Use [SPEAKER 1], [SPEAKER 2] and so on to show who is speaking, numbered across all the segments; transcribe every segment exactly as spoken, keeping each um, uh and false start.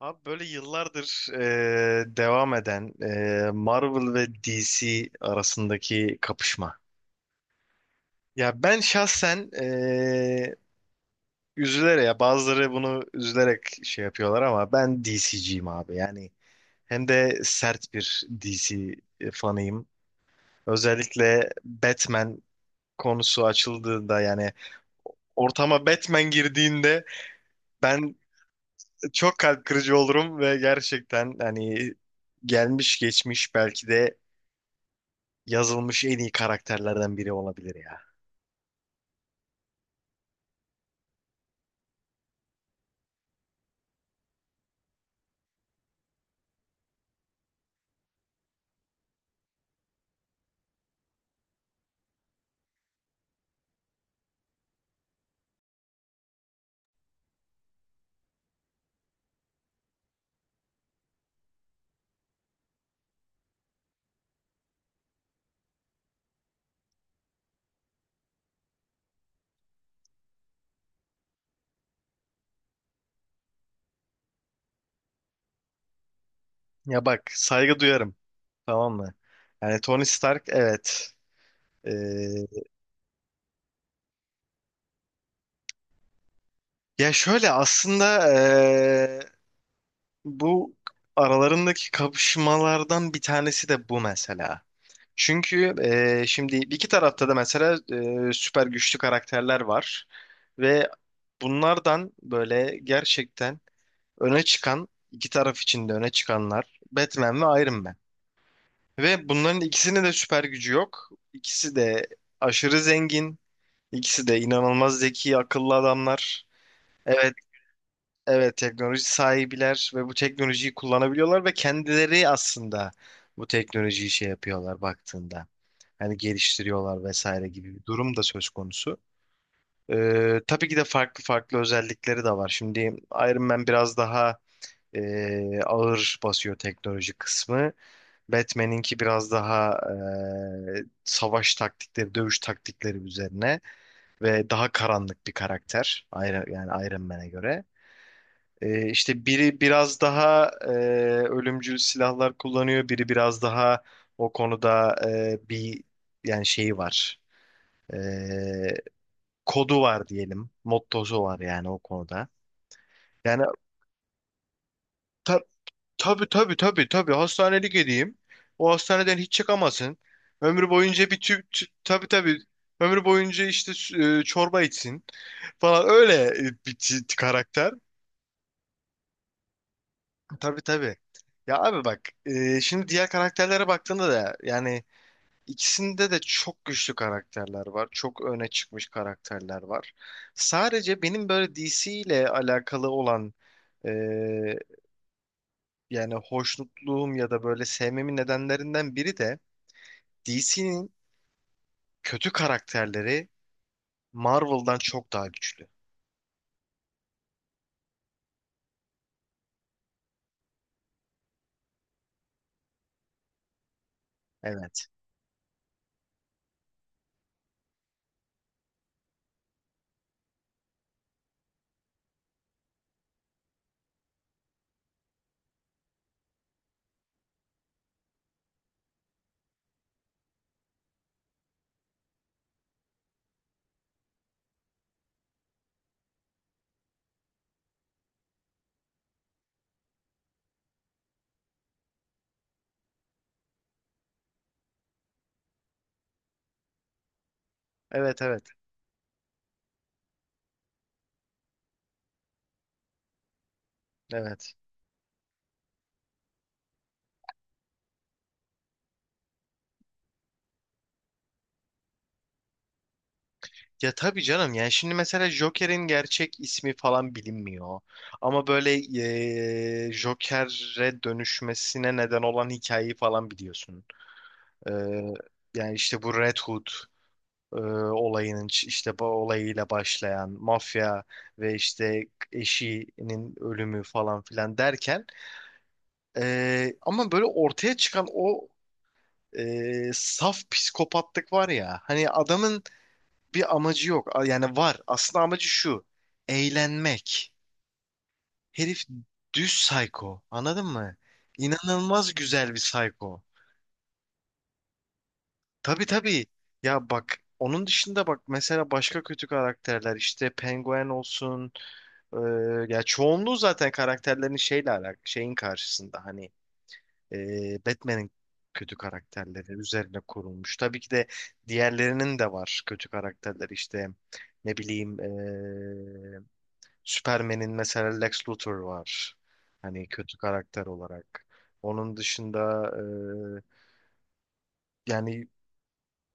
[SPEAKER 1] Abi böyle yıllardır eee, devam eden eee, Marvel ve D C arasındaki kapışma. Ya ben şahsen eee üzülerek ya bazıları bunu üzülerek şey yapıyorlar ama ben D C'ciyim abi. Yani hem de sert bir D C fanıyım. Özellikle Batman konusu açıldığında yani ortama Batman girdiğinde ben çok kalp kırıcı olurum ve gerçekten hani gelmiş geçmiş belki de yazılmış en iyi karakterlerden biri olabilir ya. Ya bak, saygı duyarım, tamam mı? Yani Tony Stark, evet. Ee, ya şöyle aslında. Bu aralarındaki kapışmalardan bir tanesi de bu mesela. Çünkü e, şimdi iki tarafta da mesela e, süper güçlü karakterler var ve bunlardan böyle gerçekten öne çıkan iki taraf içinde öne çıkanlar Batman ve Iron Man. Ve bunların ikisinin de süper gücü yok. İkisi de aşırı zengin, ikisi de inanılmaz zeki, akıllı adamlar. Evet, evet, teknoloji sahibiler ve bu teknolojiyi kullanabiliyorlar ve kendileri aslında bu teknolojiyi şey yapıyorlar baktığında. Hani geliştiriyorlar vesaire gibi bir durum da söz konusu. Ee, tabii ki de farklı farklı özellikleri de var. Şimdi Iron Man biraz daha e, ağır basıyor teknoloji kısmı. Batman'inki biraz daha e, savaş taktikleri, dövüş taktikleri üzerine ve daha karanlık bir karakter. Iron, yani Iron Man'e göre. E, işte biri biraz daha e, ölümcül silahlar kullanıyor, biri biraz daha o konuda e, bir yani şeyi var. E, kodu var diyelim, mottosu var yani o konuda. Yani ta, tabii tabii tabii tabii hastanelik edeyim. O hastaneden hiç çıkamasın. Ömrü boyunca bir tüp tüp- tabii tabii ömrü boyunca işte e, çorba içsin falan öyle e, bir t- karakter. Tabii tabii. Ya abi bak e, şimdi diğer karakterlere baktığında da yani ikisinde de çok güçlü karakterler var. Çok öne çıkmış karakterler var. Sadece benim böyle D C ile alakalı olan e, yani hoşnutluğum ya da böyle sevmemin nedenlerinden biri de D C'nin kötü karakterleri Marvel'dan çok daha güçlü. Evet. Evet, evet. Evet. Ya tabii canım, yani şimdi mesela Joker'in gerçek ismi falan bilinmiyor. Ama böyle eee, Joker'e dönüşmesine neden olan hikayeyi falan biliyorsun. Eee, yani işte bu Red Hood eee, olayının ç- işte bu olayıyla başlayan mafya ve işte eşinin ölümü falan filan derken eee, ama böyle ortaya çıkan o eee, saf psikopatlık var ya hani adamın bir amacı yok. A- Yani var. Aslında amacı şu. Eğlenmek. Herif düz psycho. Anladın mı? İnanılmaz güzel bir psycho. Tabii tabii. Ya bak, onun dışında bak mesela başka kötü karakterler işte penguen olsun. Ee, ya çoğunluğu zaten karakterlerin şeyle alakalı şeyin karşısında hani e, Batman'in kötü karakterleri üzerine kurulmuş. Tabii ki de diğerlerinin de var kötü karakterler işte ne bileyim Superman'in mesela Lex Luthor var. Hani kötü karakter olarak. Onun dışında e, yani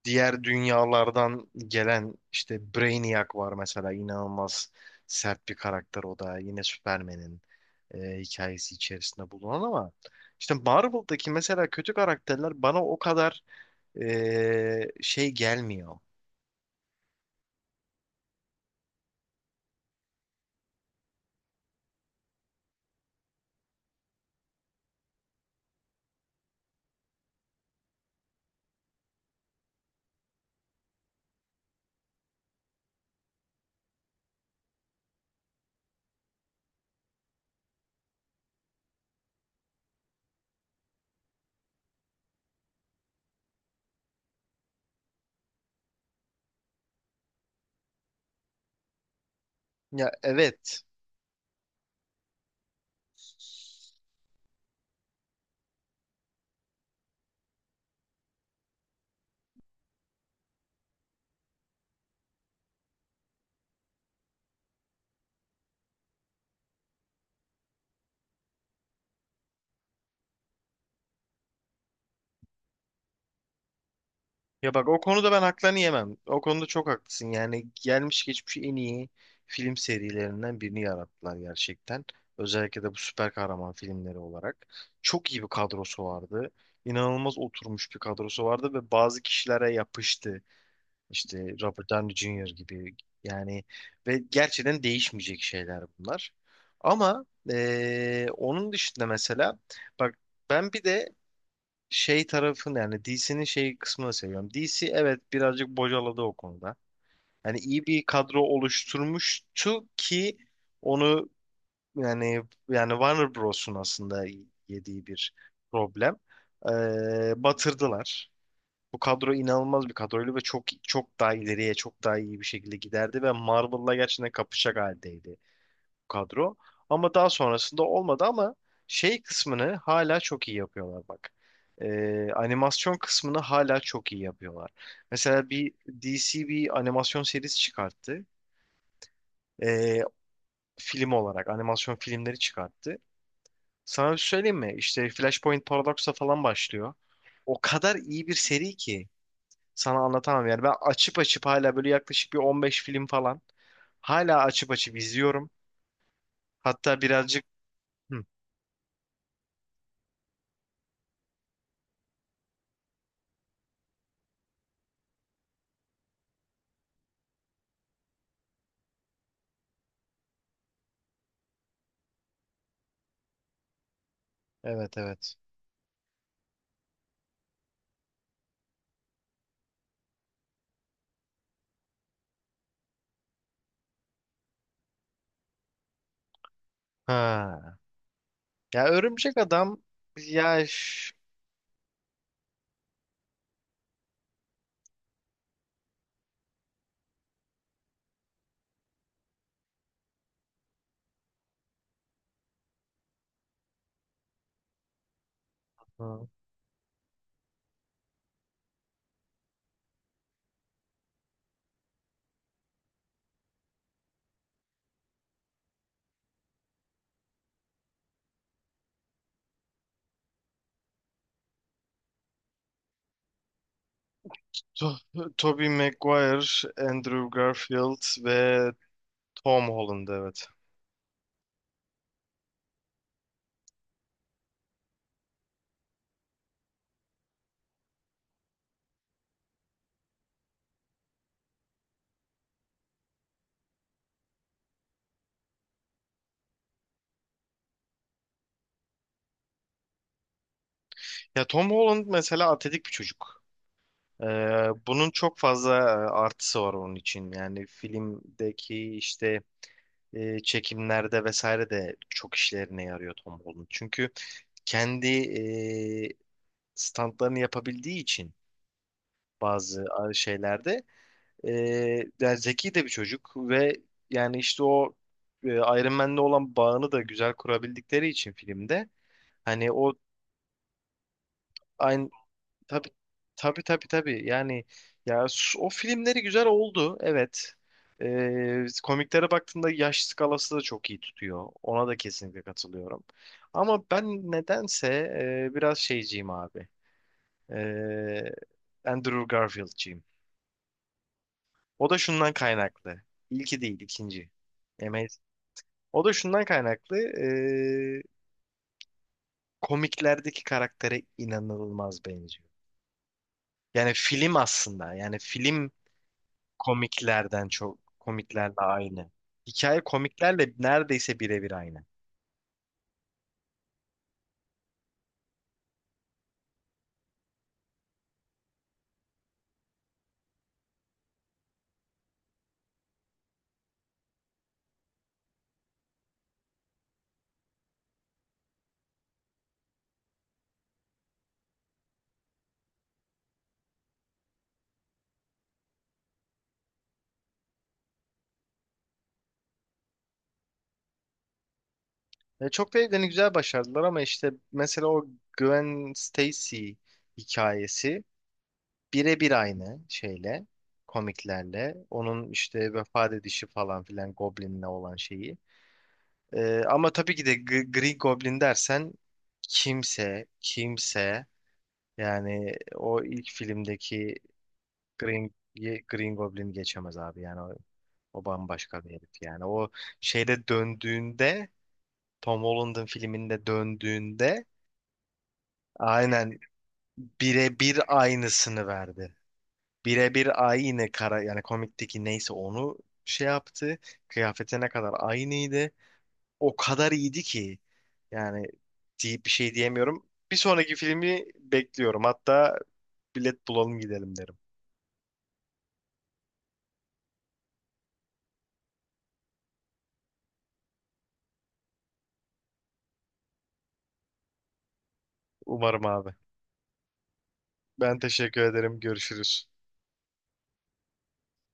[SPEAKER 1] diğer dünyalardan gelen işte Brainiac var mesela inanılmaz sert bir karakter o da yine Superman'in e, hikayesi içerisinde bulunan ama işte Marvel'daki mesela kötü karakterler bana o kadar e, şey gelmiyor. Ya, evet. Ya bak, o konuda ben haklarını yemem. O konuda çok haklısın. Yani gelmiş geçmiş en iyi film serilerinden birini yarattılar gerçekten. Özellikle de bu süper kahraman filmleri olarak. Çok iyi bir kadrosu vardı. İnanılmaz oturmuş bir kadrosu vardı ve bazı kişilere yapıştı. İşte Robert Downey junior gibi. Yani ve gerçekten değişmeyecek şeyler bunlar. Ama eee, onun dışında mesela bak ben bir de şey tarafını yani D C'nin şey kısmını seviyorum. D C evet birazcık bocaladı o konuda. Yani iyi bir kadro oluşturmuştu ki onu yani yani Warner Bros'un aslında yediği bir problem. Ee, batırdılar. Bu kadro inanılmaz bir kadroydu ve çok çok daha ileriye çok daha iyi bir şekilde giderdi ve Marvel'la gerçekten kapışacak haldeydi kadro. Ama daha sonrasında olmadı ama şey kısmını hala çok iyi yapıyorlar bak. Ee, animasyon kısmını hala çok iyi yapıyorlar. Mesela bir D C bir animasyon serisi çıkarttı. Ee, film olarak animasyon filmleri çıkarttı. Sana bir şey söyleyeyim mi? İşte Flashpoint Paradox'la falan başlıyor. O kadar iyi bir seri ki sana anlatamam. Yani ben açıp açıp hala böyle yaklaşık bir on beş film falan hala açıp açıp izliyorum. Hatta birazcık. Hı, evet, evet. Ha. Ya örümcek adam, ya ş- ha. To- Tobey Maguire, Andrew Garfield ve Tom Holland, evet. Ya Tom Holland mesela atletik bir çocuk. Ee, bunun çok fazla e, artısı var onun için. Yani filmdeki işte e, çekimlerde vesaire de çok işlerine yarıyor Tom Holland. Çünkü kendi e, standlarını yapabildiği için bazı şeylerde. E, yani zeki de bir çocuk ve yani işte o e, Iron Man'le olan bağını da güzel kurabildikleri için filmde hani o aynı, tabii tabii tabii tabii. Yani ya s- o filmleri güzel oldu, evet. E, komiklere baktığımda yaş skalası da çok iyi tutuyor. Ona da kesinlikle katılıyorum. Ama ben nedense e, biraz şeyciyim abi. E, Andrew Garfield'ciyim. O da şundan kaynaklı. İlki değil, ikinci. O da şundan kaynaklı. eee, komiklerdeki karaktere inanılmaz benziyor. Yani film aslında. Yani film komiklerden çok komiklerle aynı. Hikaye komiklerle neredeyse birebir aynı. Ve çok da evlerini güzel başardılar ama işte mesela o Gwen Stacy hikayesi birebir aynı şeyle komiklerle. Onun işte vefat edişi falan filan Goblin'le olan şeyi. Ee, ama tabii ki de G- Green Goblin dersen kimse, kimse yani o ilk filmdeki Green Green Goblin geçemez abi. Yani o, o bambaşka bir herif yani. O şeyde döndüğünde Tom Holland'ın filminde döndüğünde aynen birebir aynısını verdi. Birebir aynı kara yani komikteki neyse onu şey yaptı. Kıyafetine kadar aynıydı. O kadar iyiydi ki yani deyip bir şey diyemiyorum. Bir sonraki filmi bekliyorum. Hatta bilet bulalım gidelim derim. Umarım abi. Ben teşekkür ederim. Görüşürüz.